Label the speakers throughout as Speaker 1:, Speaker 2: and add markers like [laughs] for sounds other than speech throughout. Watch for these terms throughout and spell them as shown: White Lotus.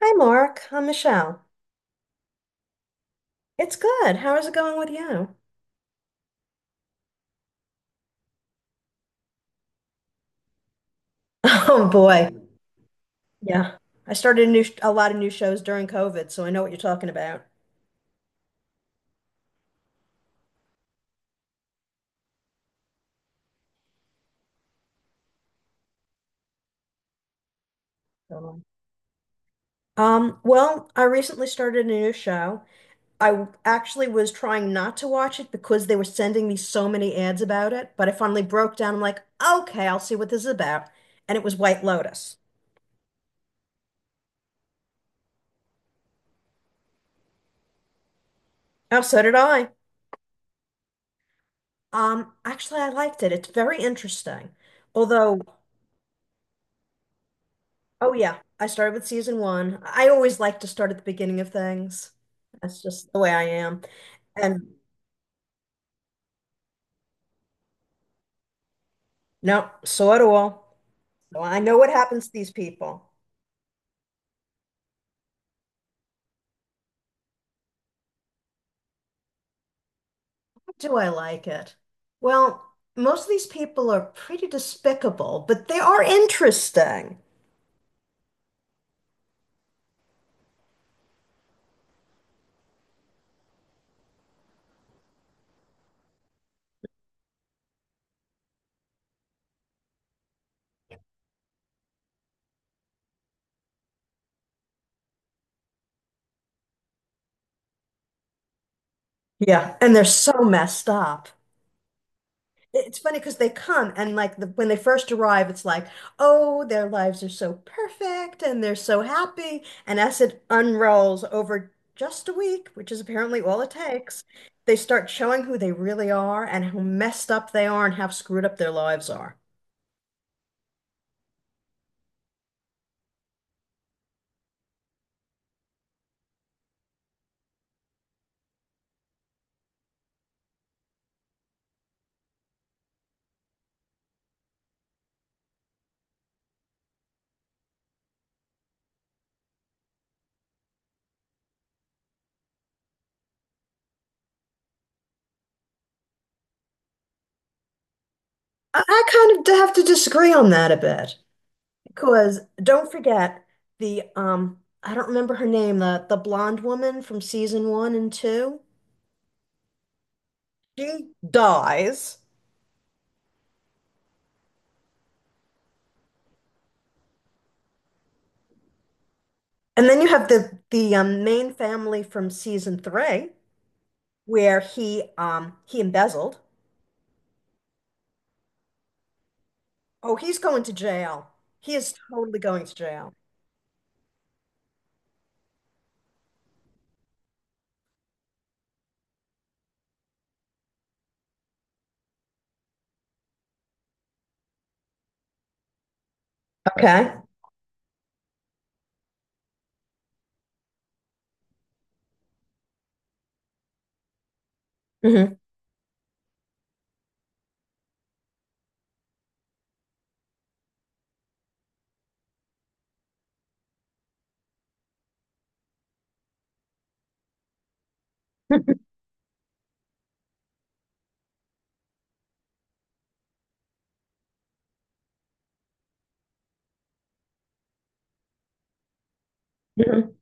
Speaker 1: Hi, Mark. I'm Michelle. It's good. How is it going with you? [laughs] Oh boy. Yeah. I started a lot of new shows during COVID, so I know what you're talking about. Totally. Well, I recently started a new show. Actually, was trying not to watch it because they were sending me so many ads about it, but I finally broke down. I'm like, okay, I'll see what this is about. And it was White Lotus. Oh, so did I. Actually, I liked it. It's very interesting. Although oh yeah, I started with season one. I always like to start at the beginning of things. That's just the way I am. And no, so do all. So I know what happens to these people. Do I like it? Well, most of these people are pretty despicable, but they are interesting. Yeah, and they're so messed up. It's funny because they come and like when they first arrive, it's like, oh, their lives are so perfect and they're so happy. And as it unrolls over just a week, which is apparently all it takes, they start showing who they really are and how messed up they are and how screwed up their lives are. I kind of have to disagree on that a bit because don't forget the I don't remember her name, the blonde woman from season one and two. She dies. And then you have the main family from season three, where he he embezzled. Oh, he's going to jail. He is totally going to jail. Okay. Hmm. [laughs] Hmm.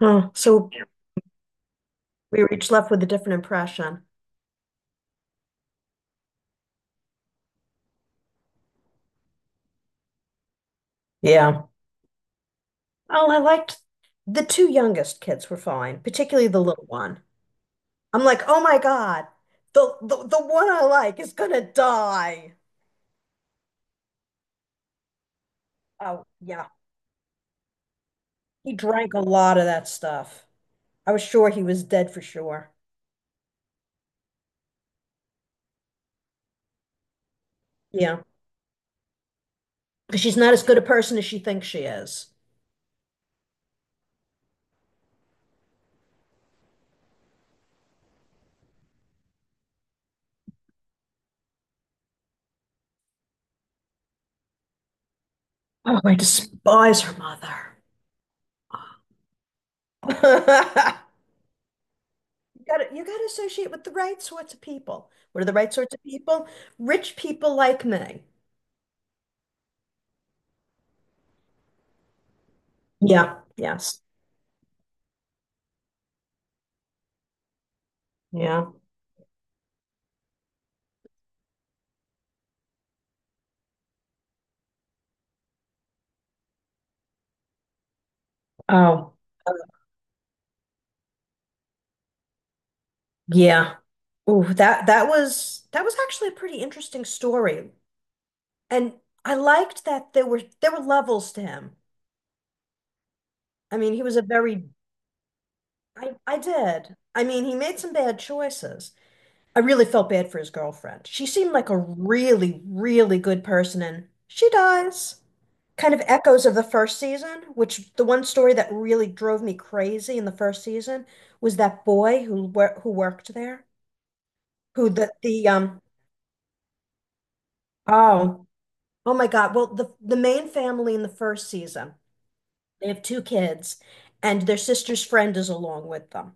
Speaker 1: Oh, so we were each left with a different impression. Yeah. Oh, I liked the two youngest kids were fine, particularly the little one. I'm like, oh my God, the one I like is gonna die. Oh yeah. He drank a lot of that stuff. I was sure he was dead for sure. Yeah. Because she's not as good a person as she thinks she is. Oh, I despise her mother. [laughs] You gotta associate with the right sorts of people. What are the right sorts of people? Rich people like me. Yeah. Yes. Yeah. Oh, yeah. Oh, that was that was actually a pretty interesting story. And I liked that there were levels to him. I mean, he was a very I did. I mean, he made some bad choices. I really felt bad for his girlfriend. She seemed like a really, really good person, and she dies. Kind of echoes of the first season, which the one story that really drove me crazy in the first season was that boy who worked there, who the oh oh my God. Well, the main family in the first season, they have two kids, and their sister's friend is along with them.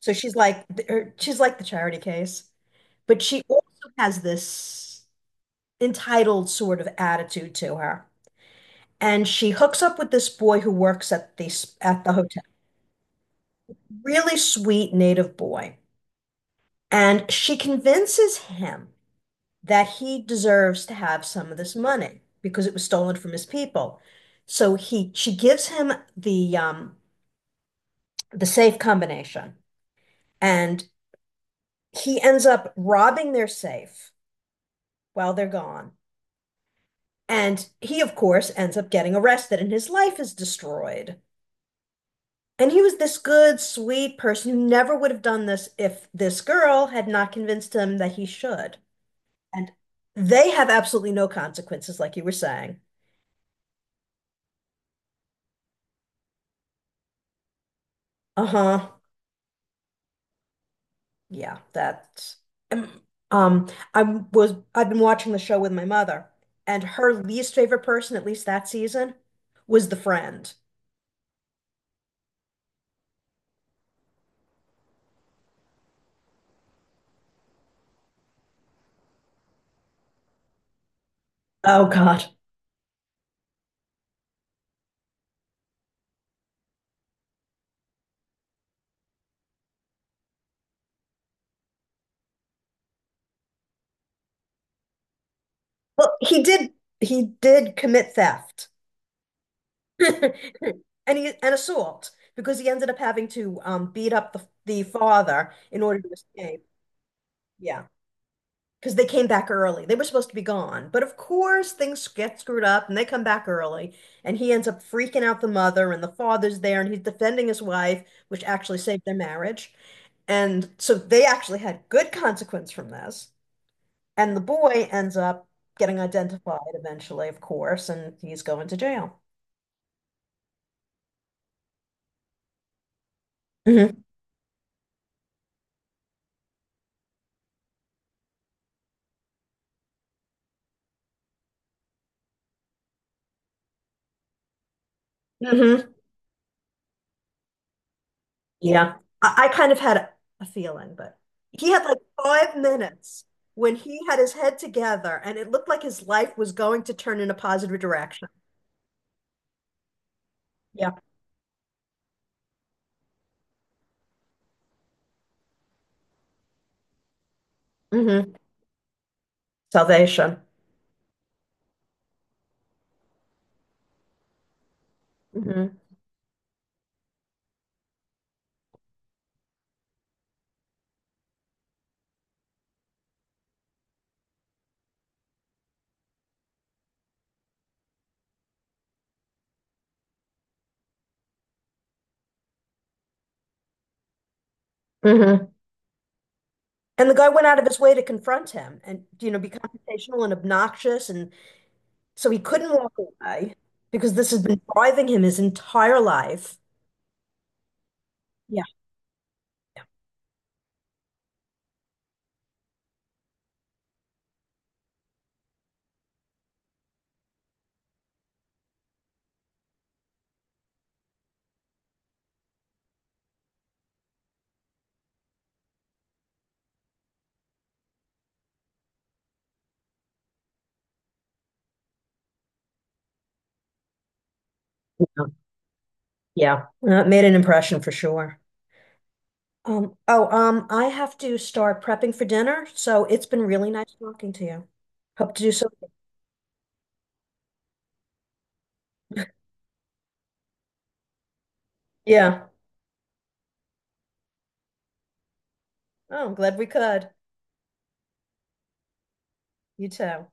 Speaker 1: So she's like the charity case, but she also has this entitled sort of attitude to her. And she hooks up with this boy who works at the hotel. Really sweet native boy. And she convinces him that he deserves to have some of this money because it was stolen from his people. So he she gives him the the safe combination and he ends up robbing their safe while they're gone. And he, of course, ends up getting arrested and his life is destroyed. And he was this good, sweet person who never would have done this if this girl had not convinced him that he should. And they have absolutely no consequences, like you were saying. Uh-huh. Yeah, that's um um, I was I've been watching the show with my mother, and her least favorite person, at least that season, was the friend. Oh God. Well, he did commit theft. [laughs] And he an assault because he ended up having to beat up the father in order to escape. Yeah, because they came back early. They were supposed to be gone, but of course things get screwed up and they come back early. And he ends up freaking out the mother, and the father's there, and he's defending his wife, which actually saved their marriage. And so they actually had good consequence from this. And the boy ends up getting identified eventually, of course, and he's going to jail. Hmm. Hmm. Yeah. I kind of had a feeling, but he had like 5 minutes when he had his head together and it looked like his life was going to turn in a positive direction. Yeah. Hmm. Salvation. Hmm. Hmm. And the guy went out of his way to confront him and, you know, be confrontational and obnoxious. And so he couldn't walk away because this has been driving him his entire life. Yeah. Yeah. Yeah. It made an impression for sure. Oh, I have to start prepping for dinner, so it's been really nice talking to you. Hope to do so. Yeah. Oh, I'm glad we could. You too.